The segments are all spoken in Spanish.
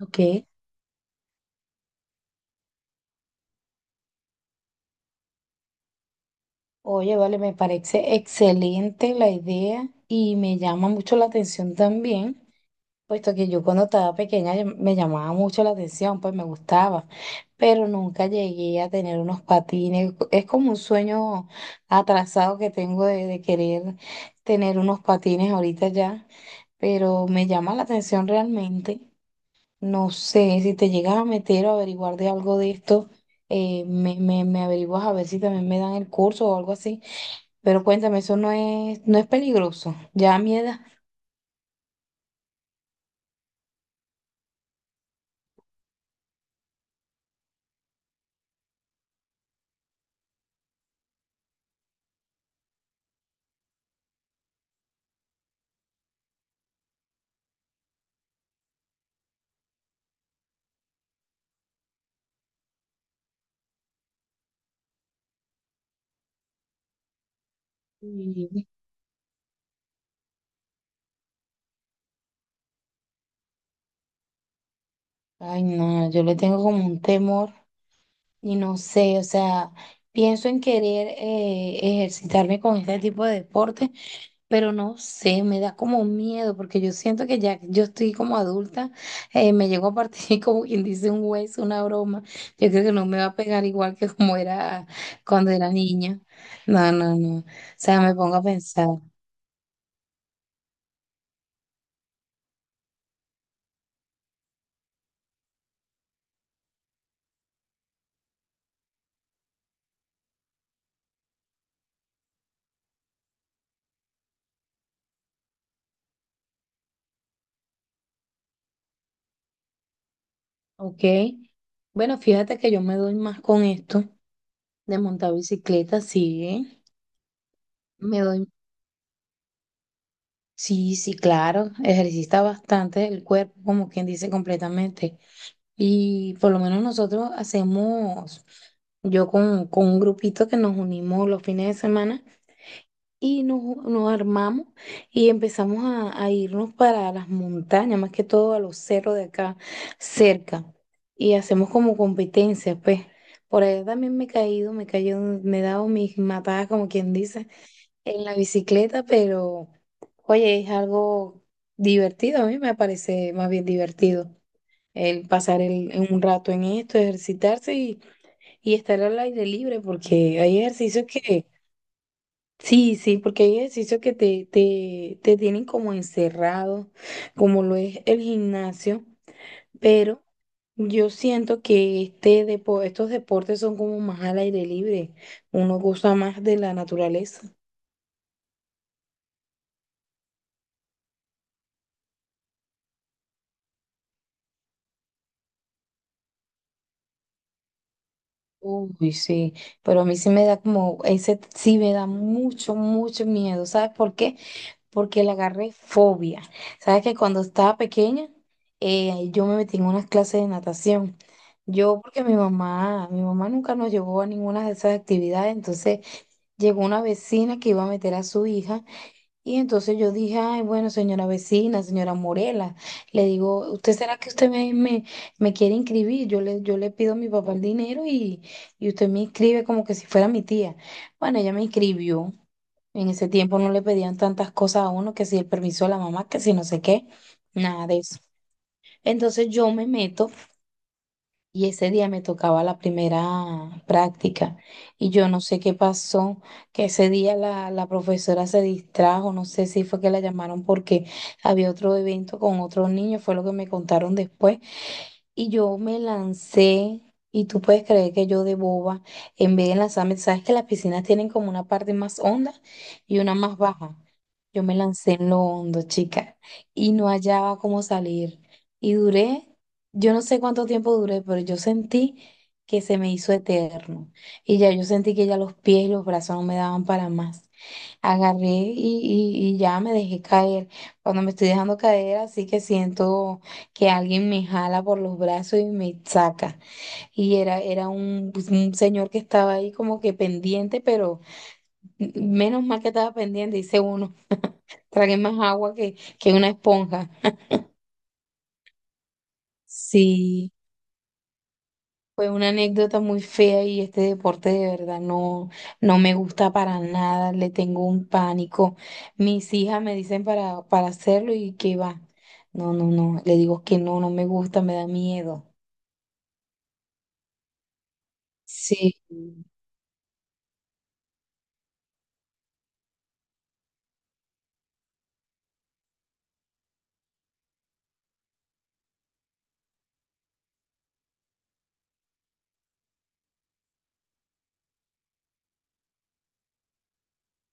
Ok. Oye, vale, me parece excelente la idea y me llama mucho la atención también, puesto que yo cuando estaba pequeña me llamaba mucho la atención, pues me gustaba, pero nunca llegué a tener unos patines. Es como un sueño atrasado que tengo de querer tener unos patines ahorita ya, pero me llama la atención realmente. No sé, si te llegas a meter o averiguar de algo de esto, me averiguas a ver si también me dan el curso o algo así. Pero cuéntame, eso no es peligroso. Ya a mi edad. Y Ay, no, yo le tengo como un temor y no sé, o sea, pienso en querer ejercitarme con este tipo de deporte, pero no sé, me da como miedo porque yo siento que ya yo estoy como adulta, me llegó a partir como quien dice un hueso, una broma. Yo creo que no me va a pegar igual que como era cuando era niña. No, no, no. O sea, me pongo a pensar, ¿ok? Bueno, fíjate que yo me doy más con esto de montar bicicleta, sí, ¿eh? Me doy, sí, sí, claro, ejercita bastante el cuerpo, como quien dice completamente. Y por lo menos nosotros hacemos, yo con un grupito que nos unimos los fines de semana y nos armamos y empezamos a irnos para las montañas, más que todo a los cerros de acá cerca. Y hacemos como competencias, pues. Por allá también me he caído, me he caído, me he dado mis matadas, como quien dice, en la bicicleta, pero oye, es algo divertido, a mí me parece más bien divertido el pasar el, un rato en esto, ejercitarse y estar al aire libre, porque hay ejercicios que, sí, sí, porque hay ejercicios que te tienen como encerrado, como lo es el gimnasio, pero yo siento que este estos deportes son como más al aire libre, uno goza más de la naturaleza. Uy, sí, pero a mí sí me da como, ese sí me da mucho, mucho miedo. ¿Sabes por qué? Porque le agarré fobia. Sabes que cuando estaba pequeña, yo me metí en unas clases de natación. Yo, porque mi mamá nunca nos llevó a ninguna de esas actividades, entonces llegó una vecina que iba a meter a su hija y entonces yo dije, ay, bueno, señora vecina, señora Morela, le digo, ¿usted será que usted me quiere inscribir? Yo le pido a mi papá el dinero y usted me inscribe como que si fuera mi tía. Bueno, ella me inscribió. En ese tiempo no le pedían tantas cosas a uno, que si el permiso de la mamá, que si no sé qué, nada de eso. Entonces yo me meto y ese día me tocaba la primera práctica y yo no sé qué pasó, que ese día la profesora se distrajo, no sé si fue que la llamaron porque había otro evento con otros niños, fue lo que me contaron después. Y yo me lancé, y tú puedes creer que yo de boba, en vez de lanzarme, sabes que las piscinas tienen como una parte más honda y una más baja. Yo me lancé en lo hondo, chica, y no hallaba cómo salir. Y duré, yo no sé cuánto tiempo duré, pero yo sentí que se me hizo eterno. Y ya yo sentí que ya los pies y los brazos no me daban para más. Agarré y, y ya me dejé caer. Cuando me estoy dejando caer, así que siento que alguien me jala por los brazos y me saca. Y era un, pues, un señor que estaba ahí como que pendiente, pero menos mal que estaba pendiente, dice uno, tragué más agua que una esponja. Sí, fue una anécdota muy fea y este deporte de verdad no, no me gusta para nada, le tengo un pánico. Mis hijas me dicen para hacerlo y que va. No, no, no, le digo que no, no me gusta, me da miedo. Sí.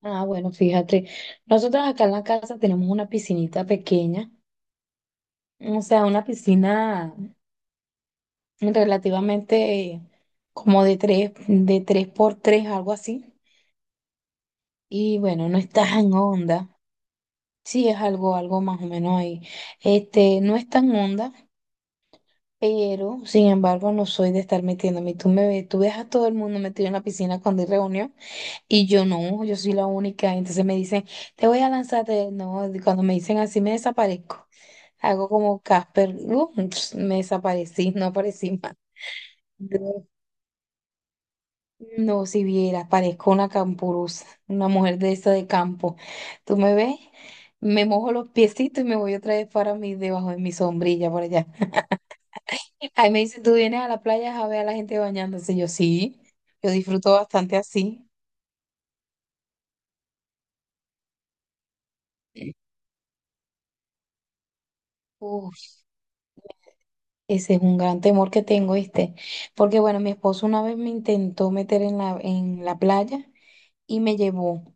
Ah, bueno, fíjate, nosotros acá en la casa tenemos una piscinita pequeña, o sea, una piscina relativamente como de tres por tres, algo así. Y bueno, no es tan honda, sí es algo, algo más o menos ahí. Este, no es tan honda, pero sin embargo no soy de estar metiéndome. Y tú me ves, tú ves a todo el mundo metido en la piscina cuando hay reunión. Y yo no, yo soy la única. Entonces me dicen, te voy a lanzar. No, y cuando me dicen así, me desaparezco. Hago como Casper, me desaparecí, no aparecí más. No, no, si vieras, parezco una campurusa, una mujer de esa de campo. Tú me ves, me mojo los piecitos y me voy otra vez para mí, debajo de mi sombrilla por allá. Ahí me dicen, tú vienes a la playa a ver a la gente bañándose. Yo sí, yo disfruto bastante así. Ese es un gran temor que tengo, ¿viste? Porque bueno, mi esposo una vez me intentó meter en la playa y me llevó.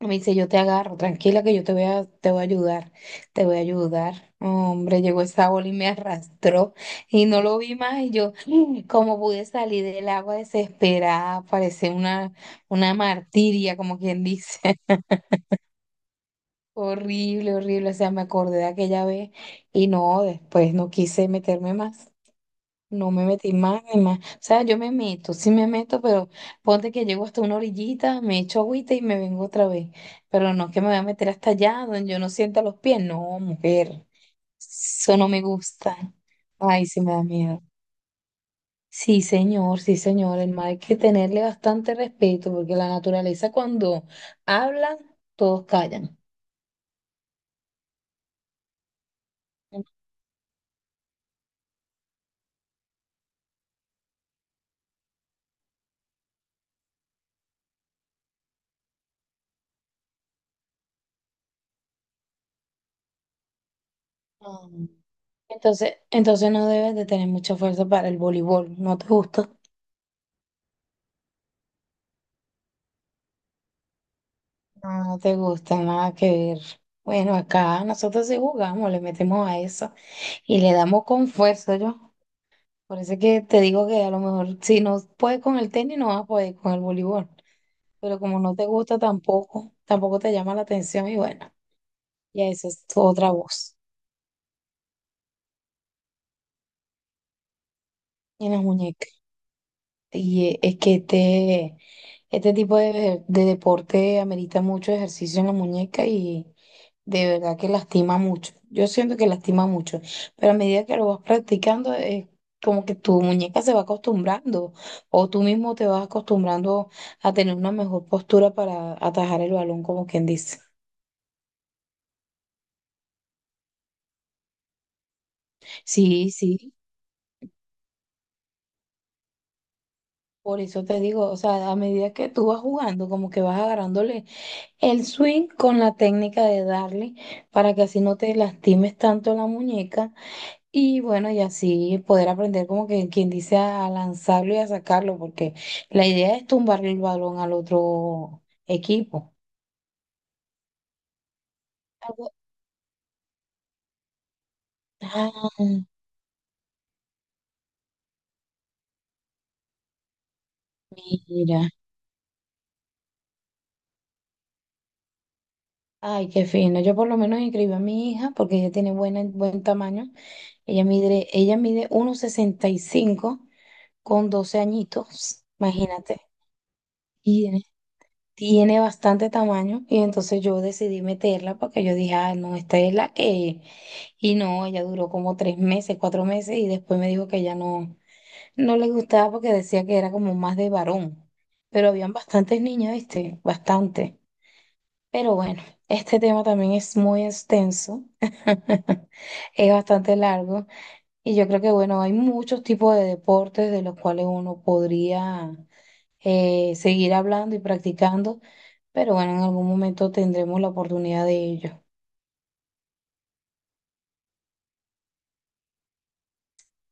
Me dice, yo te agarro, tranquila que yo te voy a ayudar, te voy a ayudar. Hombre, llegó esa ola y me arrastró y no lo vi más y yo, como pude salir del agua desesperada, parecía una martiria, como quien dice. Horrible, horrible, o sea, me acordé de aquella vez y no, después no quise meterme más. No me metí más ni más. O sea, yo me meto, sí me meto, pero ponte que llego hasta una orillita, me echo agüita y me vengo otra vez. Pero no es que me voy a meter hasta allá donde yo no sienta los pies. No, mujer, eso no me gusta. Ay, sí me da miedo. Sí, señor, sí, señor. El mar hay que tenerle bastante respeto porque la naturaleza cuando habla, todos callan. Ah. Entonces no debes de tener mucha fuerza para el voleibol. ¿No te gusta? No, no te gusta, nada que ver. Bueno, acá nosotros sí jugamos, le metemos a eso y le damos con fuerza, yo. Por eso es que te digo que a lo mejor si no puedes con el tenis, no vas a poder con el voleibol. Pero como no te gusta tampoco, tampoco te llama la atención y bueno, ya esa es tu otra voz en las muñecas. Y es que este tipo de deporte amerita mucho ejercicio en la muñeca y de verdad que lastima mucho. Yo siento que lastima mucho, pero a medida que lo vas practicando, es como que tu muñeca se va acostumbrando o tú mismo te vas acostumbrando a tener una mejor postura para atajar el balón, como quien dice. Sí, sí, por eso te digo, o sea, a medida que tú vas jugando, como que vas agarrándole el swing con la técnica de darle para que así no te lastimes tanto la muñeca y bueno, y así poder aprender como que quien dice a lanzarlo y a sacarlo, porque la idea es tumbarle el balón al otro equipo. Algo- Ah, mira. Ay, qué fino. Yo por lo menos inscribí a mi hija porque ella tiene buena, buen tamaño. Ella mide 1,65 con 12 añitos, imagínate. Y tiene bastante tamaño y entonces yo decidí meterla porque yo dije, ah, no, esta es la que... Y no, ella duró como 3 meses, 4 meses y después me dijo que ya no le gustaba porque decía que era como más de varón. Pero habían bastantes niñas, ¿viste? Bastante. Pero bueno, este tema también es muy extenso, es bastante largo y yo creo que bueno, hay muchos tipos de deportes de los cuales uno podría seguir hablando y practicando, pero bueno, en algún momento tendremos la oportunidad de ello.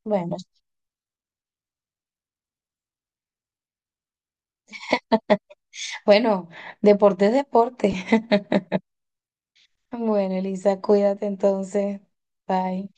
Bueno, bueno, deporte es deporte. Bueno, Elisa, cuídate entonces. Bye.